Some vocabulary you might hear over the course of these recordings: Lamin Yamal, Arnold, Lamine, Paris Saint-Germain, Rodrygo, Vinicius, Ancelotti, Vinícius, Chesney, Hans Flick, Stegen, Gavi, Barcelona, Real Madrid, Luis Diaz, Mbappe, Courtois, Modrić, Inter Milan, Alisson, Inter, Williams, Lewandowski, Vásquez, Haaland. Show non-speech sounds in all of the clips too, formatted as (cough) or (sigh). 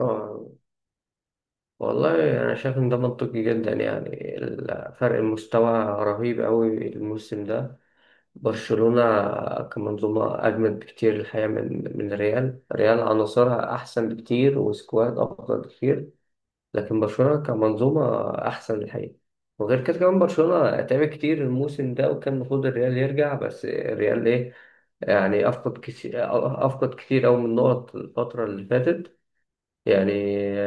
اه، والله انا شايف ان ده منطقي جدا. يعني فرق المستوى رهيب قوي الموسم ده. برشلونة كمنظومة اجمد بكتير الحقيقة من ريال عناصرها احسن بكتير وسكواد افضل بكتير، لكن برشلونة كمنظومة احسن الحقيقة. وغير كده كمان برشلونة تعب كتير الموسم ده، وكان المفروض الريال يرجع، بس الريال ايه يعني؟ افقد كتير، افقد كتير قوي من النقط الفترة اللي فاتت. يعني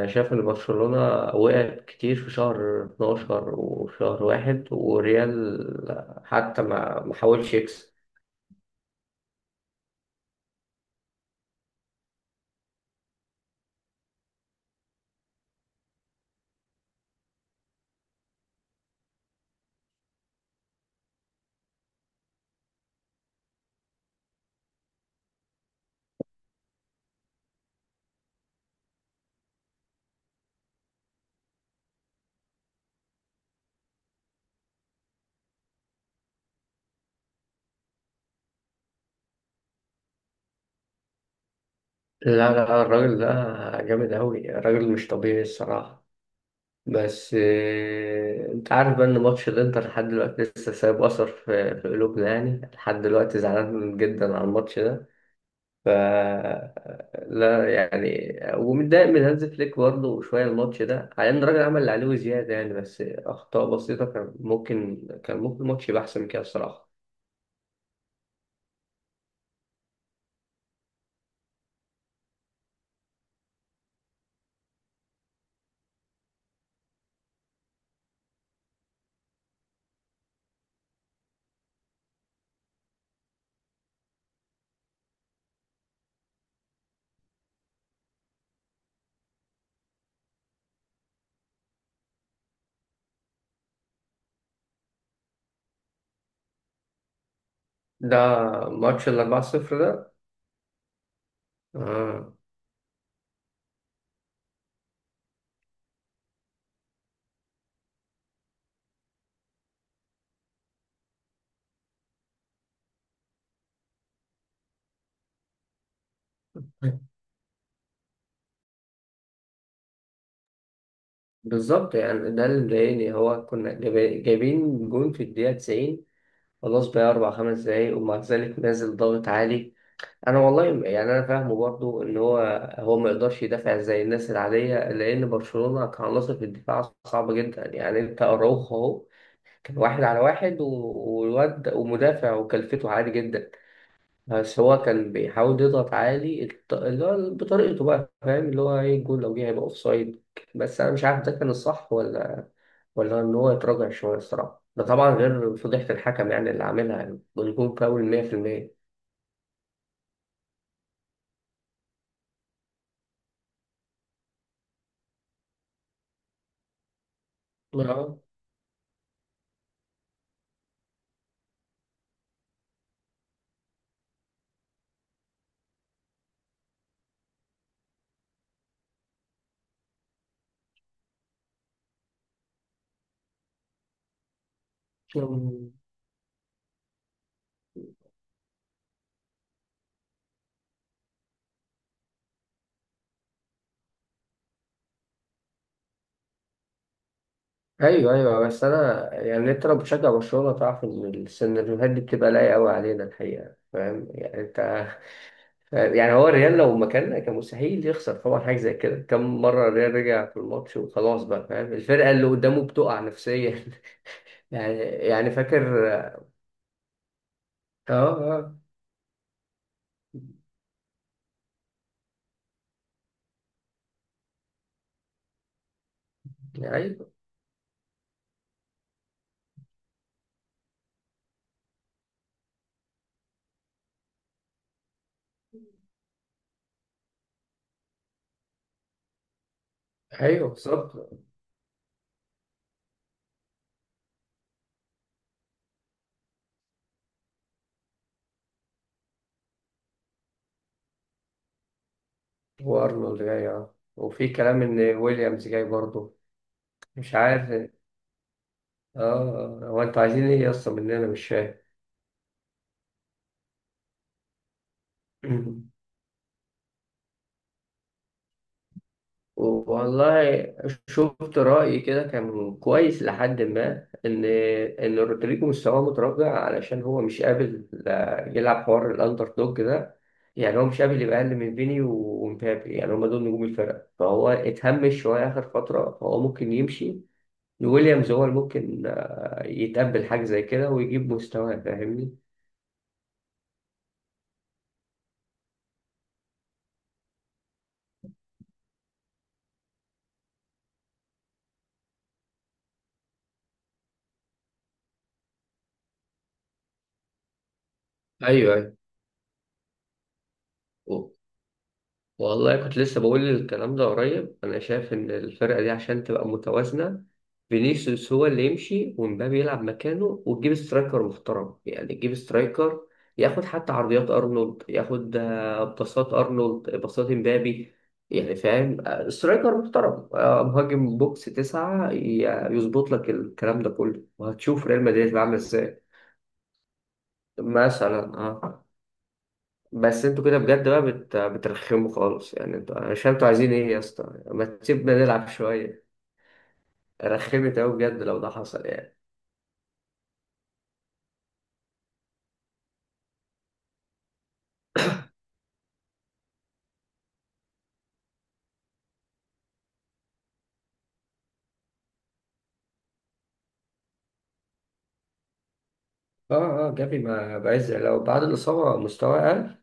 شايف ان برشلونة وقعت كتير في شهر 12 وشهر واحد، وريال حتى ما حاولش يكسب. لا، لا، الراجل ده جامد أوي، راجل مش طبيعي الصراحة. بس انت عارف بقى ان ماتش الانتر لحد دلوقتي لسه سايب اثر في قلوبنا. يعني لحد دلوقتي زعلان جدا على الماتش ده. ف لا يعني، ومتضايق من هانز فليك برضه شويه الماتش ده، على ان الراجل عمل اللي عليه وزياده، يعني بس اخطاء بسيطه كان ممكن الماتش يبقى احسن من كده الصراحه. ده ماتش ال 4-0 ده. آه. بالظبط، يعني ده اللي مضايقني، هو كنا جايبين جون في الدقيقه 90، خلاص بقى أربع خمس دقايق، ومع ذلك نازل ضغط عالي. انا والله يعني انا فاهمه برضو ان هو هو ما يقدرش يدافع زي الناس العاديه، لان برشلونه كعناصر في الدفاع صعبه جدا. يعني انت اراوخو اهو، كان واحد على واحد والواد ومدافع وكلفته عالي جدا. بس هو كان بيحاول يضغط عالي، اللي هو بطريقته بقى، فاهم اللي هو ايه، الجول لو جه هيبقى اوفسايد. بس انا مش عارف ده كان الصح ولا ان هو يتراجع شويه الصراحه. ده طبعا غير فضيحه الحكم، يعني اللي عاملها، يعني الجول فاول 100%. اه. ايوه، ايوه، بس انا يعني، انت لو بتشجع برشلونه تعرف ان السيناريوهات دي بتبقى لايقه قوي علينا الحقيقه، فاهم يعني انت؟ (laughs) يعني هو الريال لو مكاننا كان مستحيل يخسر طبعا حاجه زي كده. كم مره الريال رجع في الماتش وخلاص بقى، فاهم الفرقه اللي قدامه بتقع نفسيا. (laughs) يعني فاكر. اه. اه. ايوه. ايوه. بالظبط. وارنولد جاي، اه، وفي كلام ان ويليامز جاي برضه. مش عارف، اه. آه. هو انتوا عايزين ايه اصلا مننا؟ مش فاهم. (laughs) (clears throat) والله شفت رأي كده كان كويس، لحد ما إن رودريجو مستواه متراجع، علشان هو مش قابل يلعب حوار الأندر دوج ده. يعني هو مش قابل يبقى أقل من فيني ومبابي، يعني هما دول نجوم الفرقة، فهو اتهمش شوية آخر فترة، فهو ممكن يمشي. ويليامز هو اللي ممكن يتقبل حاجة زي كده ويجيب مستواه. فاهمني؟ ايوه. ايوه. والله كنت لسه بقول الكلام ده قريب. انا شايف ان الفرقه دي عشان تبقى متوازنه، فينيسيوس هو اللي يمشي، ومبابي يلعب مكانه، وتجيب سترايكر محترم. يعني تجيب سترايكر ياخد حتى عرضيات ارنولد، ياخد باصات ارنولد، باصات مبابي. يعني فاهم، سترايكر محترم، مهاجم بوكس تسعة، يظبط لك الكلام ده كله، وهتشوف ريال مدريد عامل ازاي. مثلا، اه. بس انتوا كده بجد بقى بترخموا خالص. يعني انتوا، انا مش فاهم انتوا عايزين ايه يا اسطى؟ ما تسيبنا نلعب شويه. رخمت قوي بجد لو ده حصل يعني. اه. اه، جافي ما بقاش زي، لو بعد الإصابة مستواه أقل.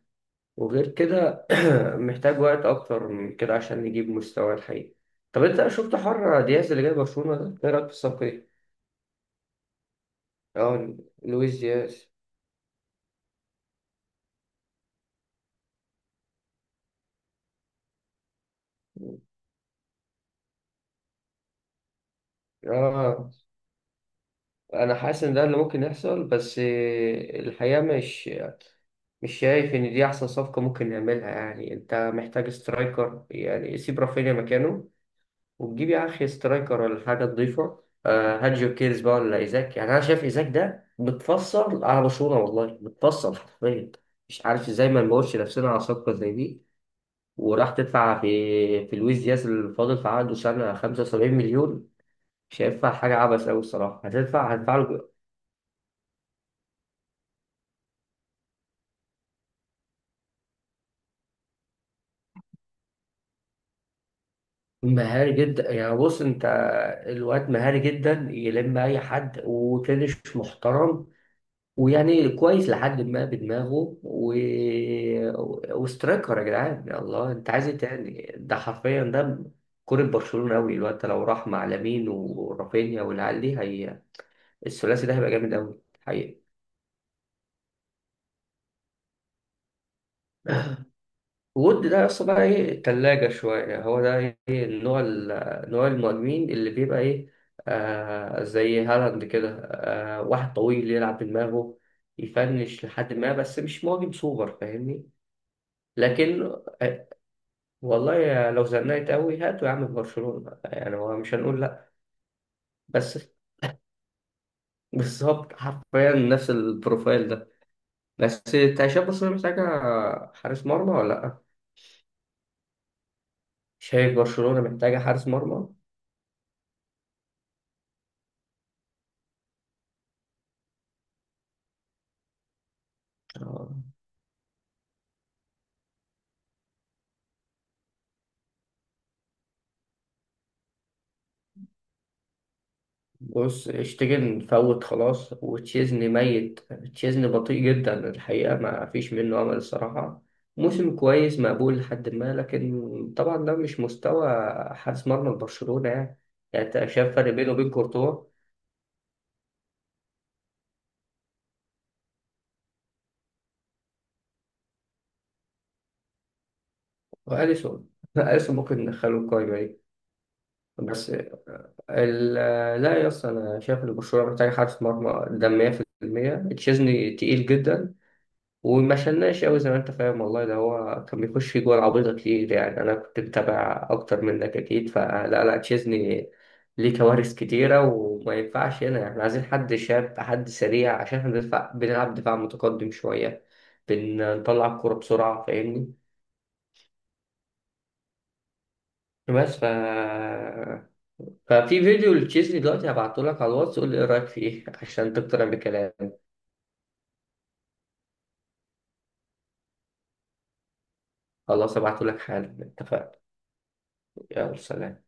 وغير كده (clears throat) محتاج وقت أكتر من كده عشان يجيب مستواه الحقيقي. طب أنت شفت حر دياز اللي جاي برشلونة ده؟ إيه رأيك في الصفقة دي؟ اه. لويس دياز. اه. أنا حاسس إن ده اللي ممكن يحصل، بس الحقيقة مش شايف إن دي أحسن صفقة ممكن نعملها. يعني أنت محتاج سترايكر، يعني سيب رافينيا مكانه، وتجيب يا أخي سترايكر، ولا حاجة تضيفه. هات جو كيرز بقى، ولا إيزاك. يعني أنا شايف إيزاك ده متفصل على برشلونة، والله متفصل حرفيا. مش عارف إزاي ما نموتش نفسنا على صفقة زي دي، وراح تدفع في لويس دياز الفاضل في عقده سنة 75 مليون. شايفها حاجة عبث أوي الصراحة. هتدفع له. مهاري جدا. يعني بص انت، الواد مهاري جدا، يلم اي حد، وفينش محترم، ويعني كويس لحد ما بدماغه، و... وسترايكر. يا جدعان يا الله، انت عايز ايه تاني؟ ده حرفيا ده كرة برشلونة قوي الواد ده. لو راح مع لامين ورافينيا والعيال دي، هي الثلاثي ده هيبقى جامد قوي حقيقي. وود ده اصلا بقى ايه، تلاجة شوية. هو ده ايه، النوع نوع المهاجمين اللي بيبقى ايه، زي هالاند كده، واحد طويل يلعب بدماغه، يفنش لحد ما، بس مش مهاجم سوبر. فاهمني؟ لكن آه والله لو زنقت قوي، هاتوا يا عم في برشلونة، يعني هو مش هنقول لا. بس (laughs) بالظبط، حرفيا نفس البروفايل ده. بس انت شايف برشلونة محتاجة حارس مرمى ولا لا؟ شايف برشلونة محتاجة حارس مرمى؟ آه. بص اشتيجن فوت خلاص، وتشيزني ميت. تشيزني بطيء جدا الحقيقة، ما فيش منه أمل الصراحة. موسم كويس مقبول لحد ما، لكن طبعا ده مش مستوى حارس مرمى برشلونة يعني. يعني انت شايف فرق بينه وبين كورتوا وأليسون؟ (laughs) أليسون ممكن ندخله القايمة دي. بس ال- لا يا اسطى، أنا شايف إن برشلونة محتاج حارس مرمى ده 100%. تشيزني تقيل جدا، وما شلناش قوي زي ما انت فاهم والله. ده هو كان بيخش جوه العبيطة كتير، يعني انا كنت متابع اكتر منك اكيد، فلا، لا تشيزني ليه كوارث كتيره وما ينفعش. هنا احنا عايزين حد شاب، حد سريع، عشان احنا بنلعب دفاع متقدم شوية، بنطلع الكورة بسرعة. فاهمني؟ بس ففي فيديو لتشيزني دلوقتي هبعته لك على الواتس، قول لي ايه رأيك فيه عشان تقتنع بكلامي. خلاص هبعته لك حالا، اتفقنا. يلا سلام.